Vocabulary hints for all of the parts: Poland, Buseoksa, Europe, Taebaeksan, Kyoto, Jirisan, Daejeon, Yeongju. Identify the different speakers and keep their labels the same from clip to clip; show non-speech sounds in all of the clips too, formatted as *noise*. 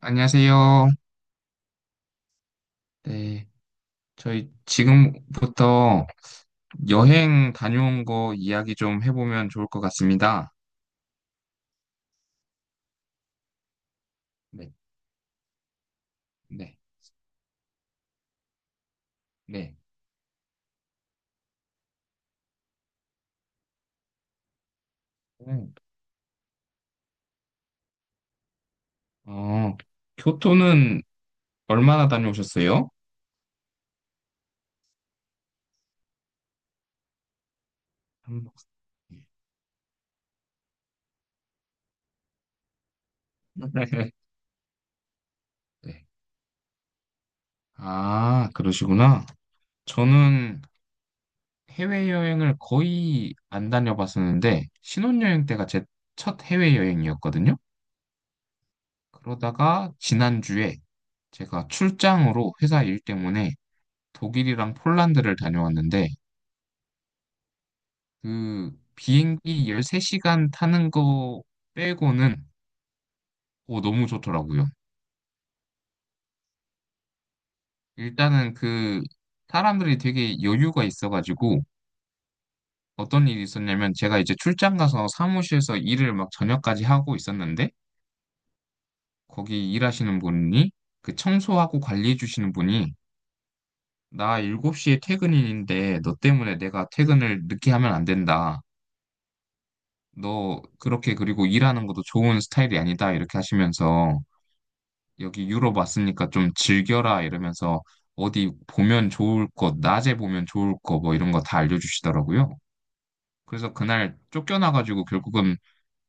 Speaker 1: 안녕하세요. 네. 저희 지금부터 여행 다녀온 거 이야기 좀 해보면 좋을 것 같습니다. 네. 네. 네. 음. 어, 교토는 얼마나 다녀오셨어요? 한 번. *laughs* 네. 아, 그러시구나. 저는 해외여행을 거의 안 다녀봤었는데, 신혼여행 때가 제 첫 해외여행이었거든요. 그러다가 지난주에 제가 출장으로 회사 일 때문에 독일이랑 폴란드를 다녀왔는데 그 비행기 13시간 타는 거 빼고는 오, 너무 좋더라고요. 일단은 그 사람들이 되게 여유가 있어가지고 어떤 일이 있었냐면 제가 이제 출장 가서 사무실에서 일을 막 저녁까지 하고 있었는데 거기 일하시는 분이 그 청소하고 관리해 주시는 분이 나 7시에 퇴근인데 너 때문에 내가 퇴근을 늦게 하면 안 된다. 너 그렇게 그리고 일하는 것도 좋은 스타일이 아니다. 이렇게 하시면서 여기 유럽 왔으니까 좀 즐겨라 이러면서 어디 보면 좋을 것, 낮에 보면 좋을 거 뭐 이런 거 다 알려주시더라고요. 그래서 그날 쫓겨나가지고 결국은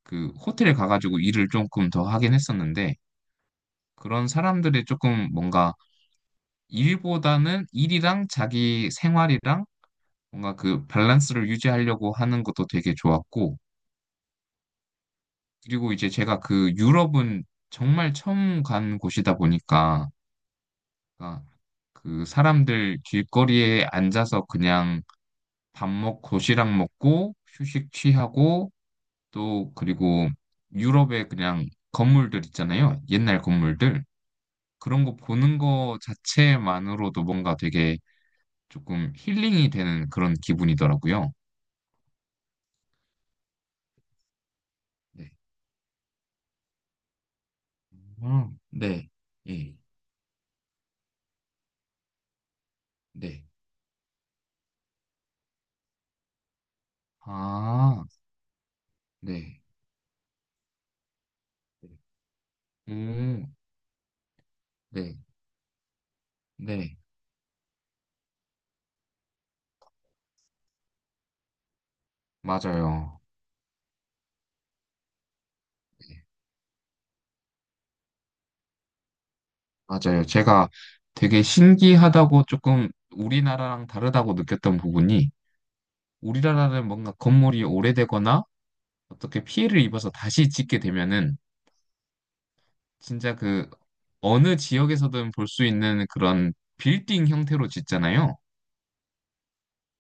Speaker 1: 그 호텔에 가가지고 일을 조금 더 하긴 했었는데 그런 사람들이 조금 뭔가 일보다는 일이랑 자기 생활이랑 뭔가 그 밸런스를 유지하려고 하는 것도 되게 좋았고 그리고 이제 제가 그 유럽은 정말 처음 간 곳이다 보니까 그러니까 그 사람들 길거리에 앉아서 그냥 밥 먹고 도시락 먹고 휴식 취하고 또 그리고 유럽의 그냥 건물들 있잖아요. 옛날 건물들. 그런 거 보는 거 자체만으로도 뭔가 되게 조금 힐링이 되는 그런 기분이더라고요. 네. 네. 예. 네. 아, 네. 오, 네. 네. 맞아요. 네. 맞아요. 제가 되게 신기하다고 조금 우리나라랑 다르다고 느꼈던 부분이 우리나라는 뭔가 건물이 오래되거나 어떻게 피해를 입어서 다시 짓게 되면은 진짜 그 어느 지역에서든 볼 수 있는 그런 빌딩 형태로 짓잖아요.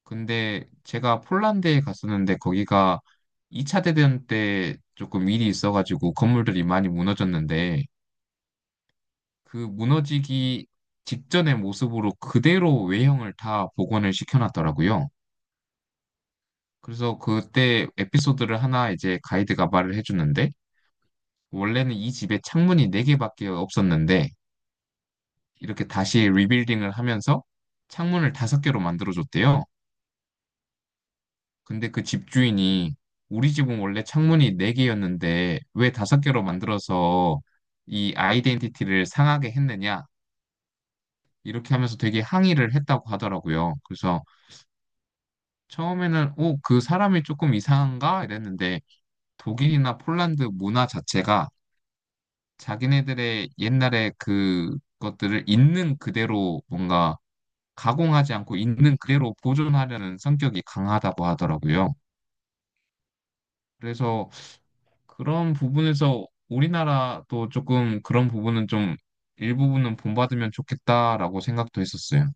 Speaker 1: 근데 제가 폴란드에 갔었는데 거기가 2차 대전 때 조금 일이 있어가지고 건물들이 많이 무너졌는데 그 무너지기 직전의 모습으로 그대로 외형을 다 복원을 시켜놨더라고요. 그래서 그때 에피소드를 하나 이제 가이드가 말을 해주는데, 원래는 이 집에 창문이 4개밖에 없었는데, 이렇게 다시 리빌딩을 하면서 창문을 5개로 만들어줬대요. 근데 그 집주인이 우리 집은 원래 창문이 4개였는데 왜 5개로 만들어서 이 아이덴티티를 상하게 했느냐? 이렇게 하면서 되게 항의를 했다고 하더라고요. 그래서 처음에는 오, 그 사람이 조금 이상한가? 이랬는데 독일이나 폴란드 문화 자체가 자기네들의 옛날에 그것들을 있는 그대로 뭔가 가공하지 않고 있는 그대로 보존하려는 성격이 강하다고 하더라고요. 그래서 그런 부분에서 우리나라도 조금 그런 부분은 좀 일부분은 본받으면 좋겠다라고 생각도 했었어요.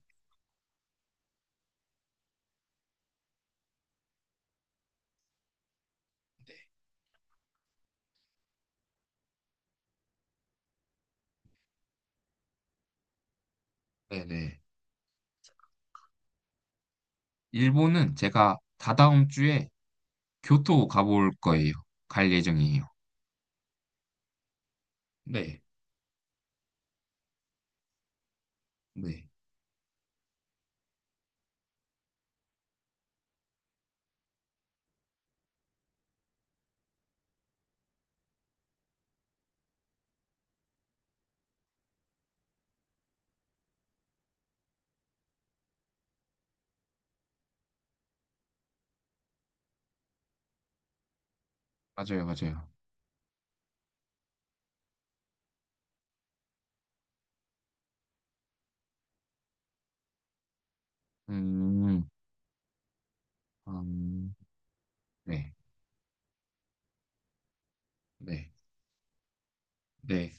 Speaker 1: 네네. 일본은 제가 다다음 주에 교토 가볼 거예요. 갈 예정이에요. 네. 네, 맞아요, 맞아요. 음, 음, 네, 네, 네.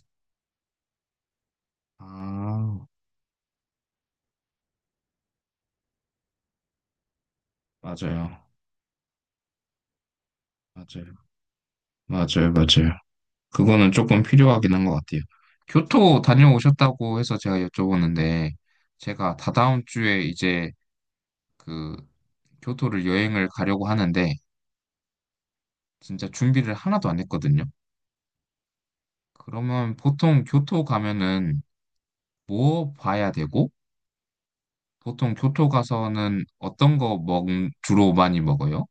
Speaker 1: 아, 맞아요, 맞아요, 맞아요, 맞아요. 그거는 조금 필요하긴 한 것 같아요. 교토 다녀오셨다고 해서 제가 여쭤보는데, 제가 다다음 주에 이제 그 교토를 여행을 가려고 하는데, 진짜 준비를 하나도 안 했거든요. 그러면 보통 교토 가면은 뭐 봐야 되고, 보통 교토 가서는 어떤 거 주로 많이 먹어요?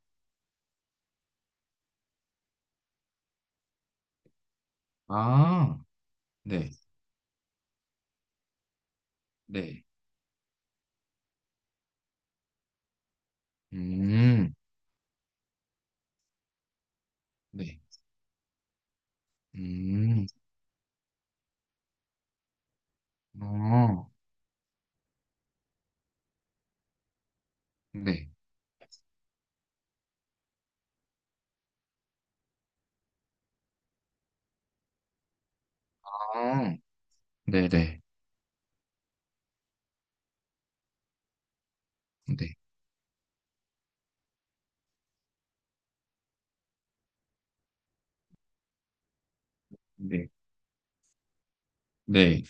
Speaker 1: 아, 네, 네, 음, 네, 음, 어, 네, 아, 네, 네, 네, 네, 네,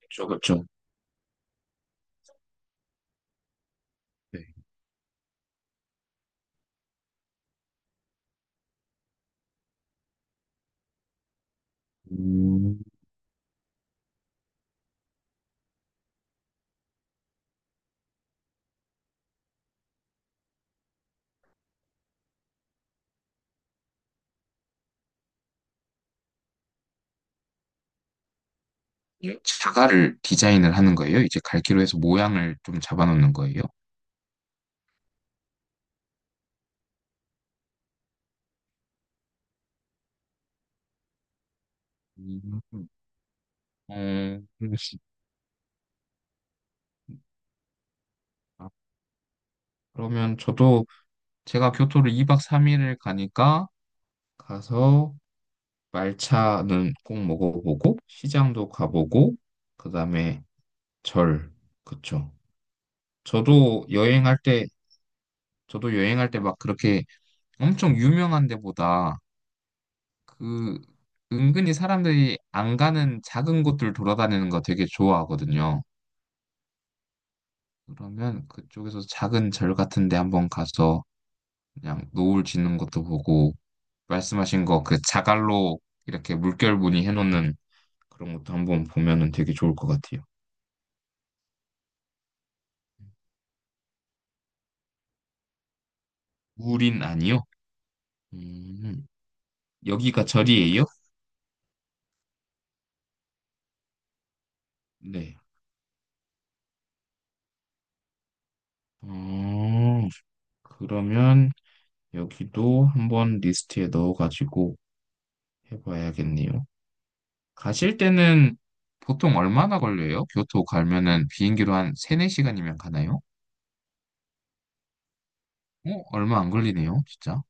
Speaker 1: 그쵸, 그쵸, 네, 음, 자갈을 디자인을 하는 거예요? 이제 갈기로 해서 모양을 좀 잡아놓는 거예요? 음, 어, 그습니다 그러면 저도 제가 교토를 2박 3일을 가니까 가서 말차는 꼭 먹어보고 시장도 가보고 그다음에 절. 그쵸. 저도 여행할 때, 저도 여행할 때 막 그렇게 엄청 유명한 데보다 그 은근히 사람들이 안 가는 작은 곳들 돌아다니는 거 되게 좋아하거든요. 그러면 그쪽에서 작은 절 같은 데 한번 가서 그냥 노을 지는 것도 보고 말씀하신 거 그 자갈로 이렇게 물결 무늬해 놓는 그런 것도 한번 보면은 되게 좋을 것 같아요. 우린 아니요? 음, 여기가 절이에요? 네. 어, 그러면 여기도 한번 리스트에 넣어가지고 해봐야겠네요. 가실 때는 보통 얼마나 걸려요? 교토 가면은 비행기로 한 3, 4시간이면 가나요? 얼마 안 걸리네요, 진짜.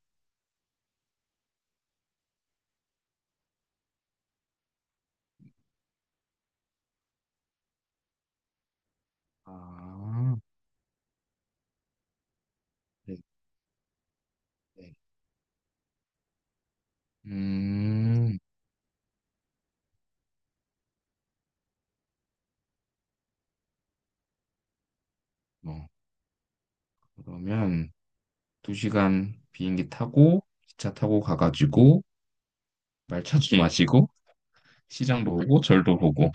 Speaker 1: 아, 네, 네. 음, 뭐, 그러면 2시간 비행기 타고, 기차 타고 가가지고, 말차 좀 마시고, 시장도 보고, 절도 보고.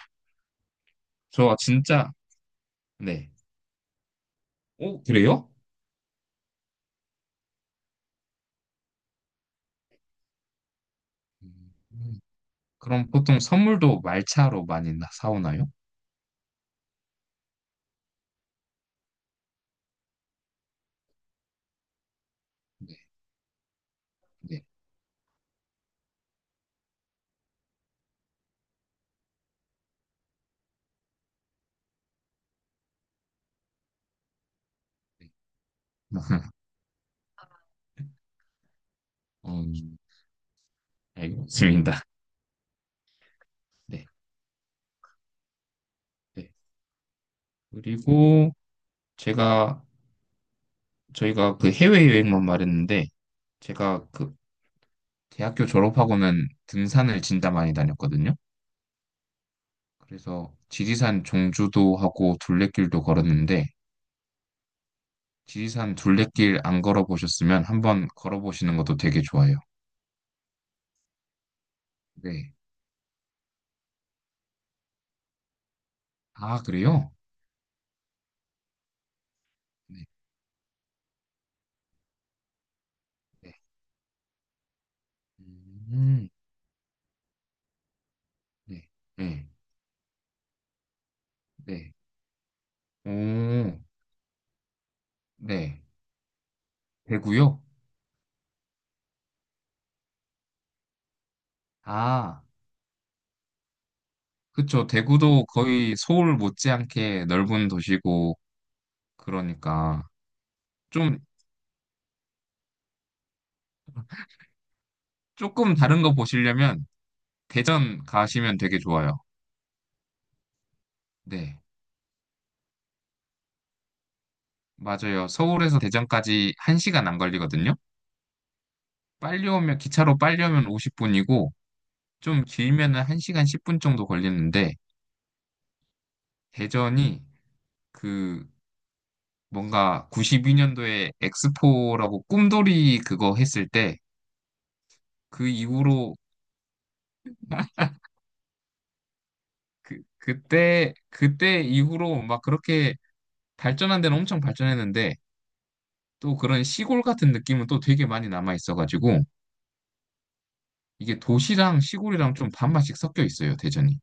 Speaker 1: 저 진짜, 네. 오, 그래요? 음, 그럼 보통 선물도 말차로 많이 사오나요? 네, 네, 네. 음, 알겠습니다. 네, 네. 그리고 제가 저희가 그 해외여행만 말했는데 제가 그 대학교 졸업하고는 등산을 진짜 많이 다녔거든요. 그래서 지리산 종주도 하고 둘레길도 걸었는데 지리산 둘레길 안 걸어보셨으면 한번 걸어보시는 것도 되게 좋아요. 네. 아, 그래요? 네, 네. 음, 네, 네, 네. 오, 네. 대구요. 아. 그쵸. 대구도 거의 서울 못지않게 넓은 도시고, 그러니까. 좀, 조금 다른 거 보시려면 대전 가시면 되게 좋아요. 네. 맞아요. 서울에서 대전까지 1시간 안 걸리거든요. 기차로 빨리 오면 50분이고, 좀 길면은 1시간 10분 정도 걸리는데, 대전이 그, 뭔가 92년도에 엑스포라고 꿈돌이 그거 했을 때, 그 이후로, 그때 이후로 막 그렇게 발전한 데는 엄청 발전했는데 또 그런 시골 같은 느낌은 또 되게 많이 남아 있어가지고 이게 도시랑 시골이랑 좀 반반씩 섞여 있어요, 대전이.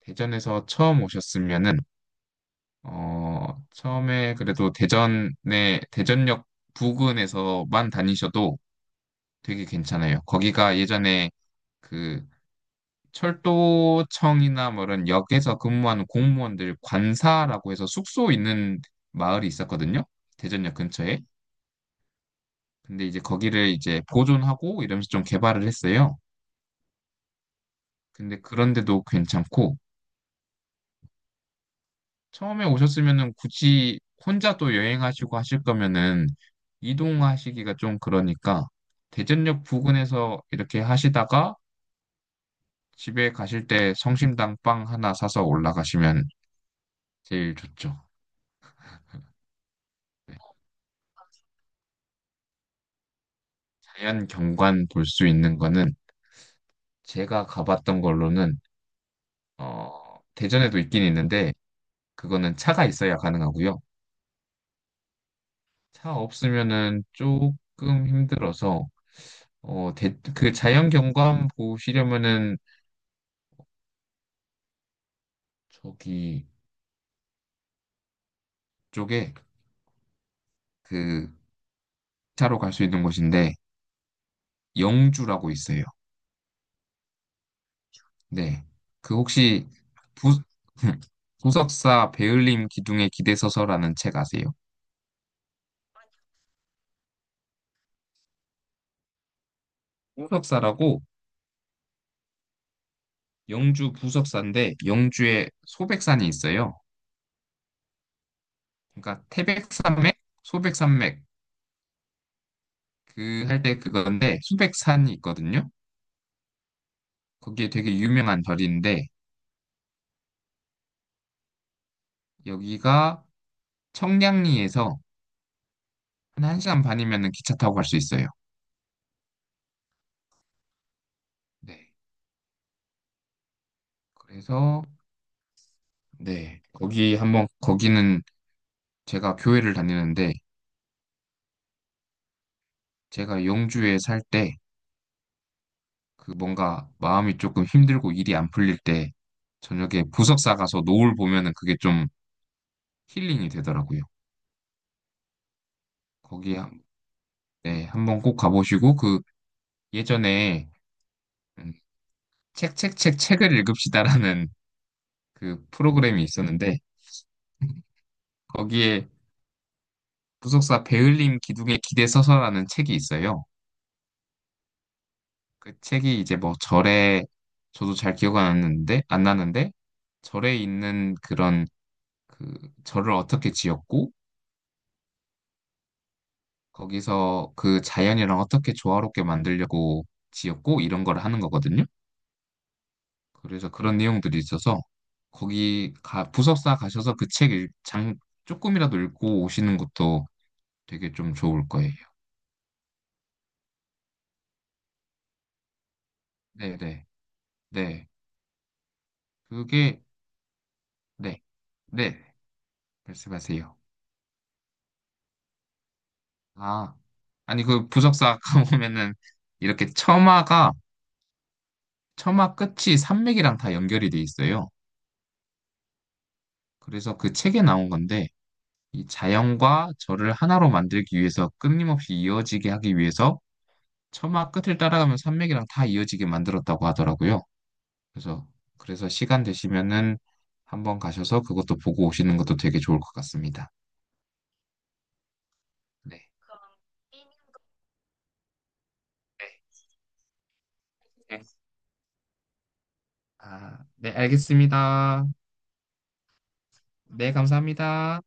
Speaker 1: 대전에서 처음 오셨으면은 처음에 그래도 대전에 대전역 부근에서만 다니셔도 되게 괜찮아요. 거기가 예전에 그 철도청이나 뭐 이런 역에서 근무하는 공무원들 관사라고 해서 숙소 있는 마을이 있었거든요. 대전역 근처에. 근데 이제 거기를 이제 보존하고 이러면서 좀 개발을 했어요. 근데 그런데도 괜찮고 처음에 오셨으면은 굳이 혼자 또 여행하시고 하실 거면은 이동하시기가 좀 그러니까 대전역 부근에서 이렇게 하시다가 집에 가실 때 성심당 빵 하나 사서 올라가시면 제일 좋죠. 네. 자연 경관 볼 수 있는 거는 제가 가봤던 걸로는 대전에도 있긴 있는데 그거는 차가 있어야 가능하고요. 차 없으면은 조금 힘들어서 그 자연 경관 보시려면은 저기 쪽에 그 차로 갈 수 있는 곳인데 영주라고 있어요. 네. 그 혹시 부, *laughs* 부석사 배울림 기둥에 기대 서서라는 책 아세요? 부석사라고 영주 부석사인데 영주에 소백산이 있어요. 그러니까 태백산맥, 소백산맥 그 할 때 그건데 소백산이 있거든요. 거기에 되게 유명한 절인데 여기가 청량리에서 한 1시간 반이면 기차 타고 갈 수 있어요. 네. 그래서 네. 거기는 제가 교회를 다니는데 제가 영주에 살 때 그 뭔가 마음이 조금 힘들고 일이 안 풀릴 때 저녁에 보석 사가서 노을 보면은 그게 좀 힐링이 되더라고요. 거기 한- 네, 한번 꼭 가보시고 그 예전에 음, 책책책 책을 읽읍시다라는 그 프로그램이 있었는데 거기에 부속사 배을림 기둥에 기대 서서라는 책이 있어요. 그 책이 이제 뭐 절에 저도 잘 기억 안 나는데 절에 있는 그런 그 절을 어떻게 지었고 거기서 그 자연이랑 어떻게 조화롭게 만들려고 지었고 이런 걸 하는 거거든요. 그래서 그런 내용들이 있어서 거기 가 부속사 가셔서 그 책 장 조금이라도 읽고 오시는 것도 되게 좀 좋을 거예요. 네, 네, 네. 그게 네, 네. 말씀하세요. 아, 아니 그 부석사 아까 *laughs* 보면은 이렇게 처마 끝이 산맥이랑 다 연결이 돼 있어요. 그래서 그 책에 나온 건데 이 자연과 저를 하나로 만들기 위해서 끊임없이 이어지게 하기 위해서 처마 끝을 따라가면 산맥이랑 다 이어지게 만들었다고 하더라고요. 그래서 그래서 시간 되시면은 한번 가셔서 그것도 보고 오시는 것도 되게 좋을 것 같습니다. 네. 네. 네. 아, 네, 알겠습니다. 네, 감사합니다.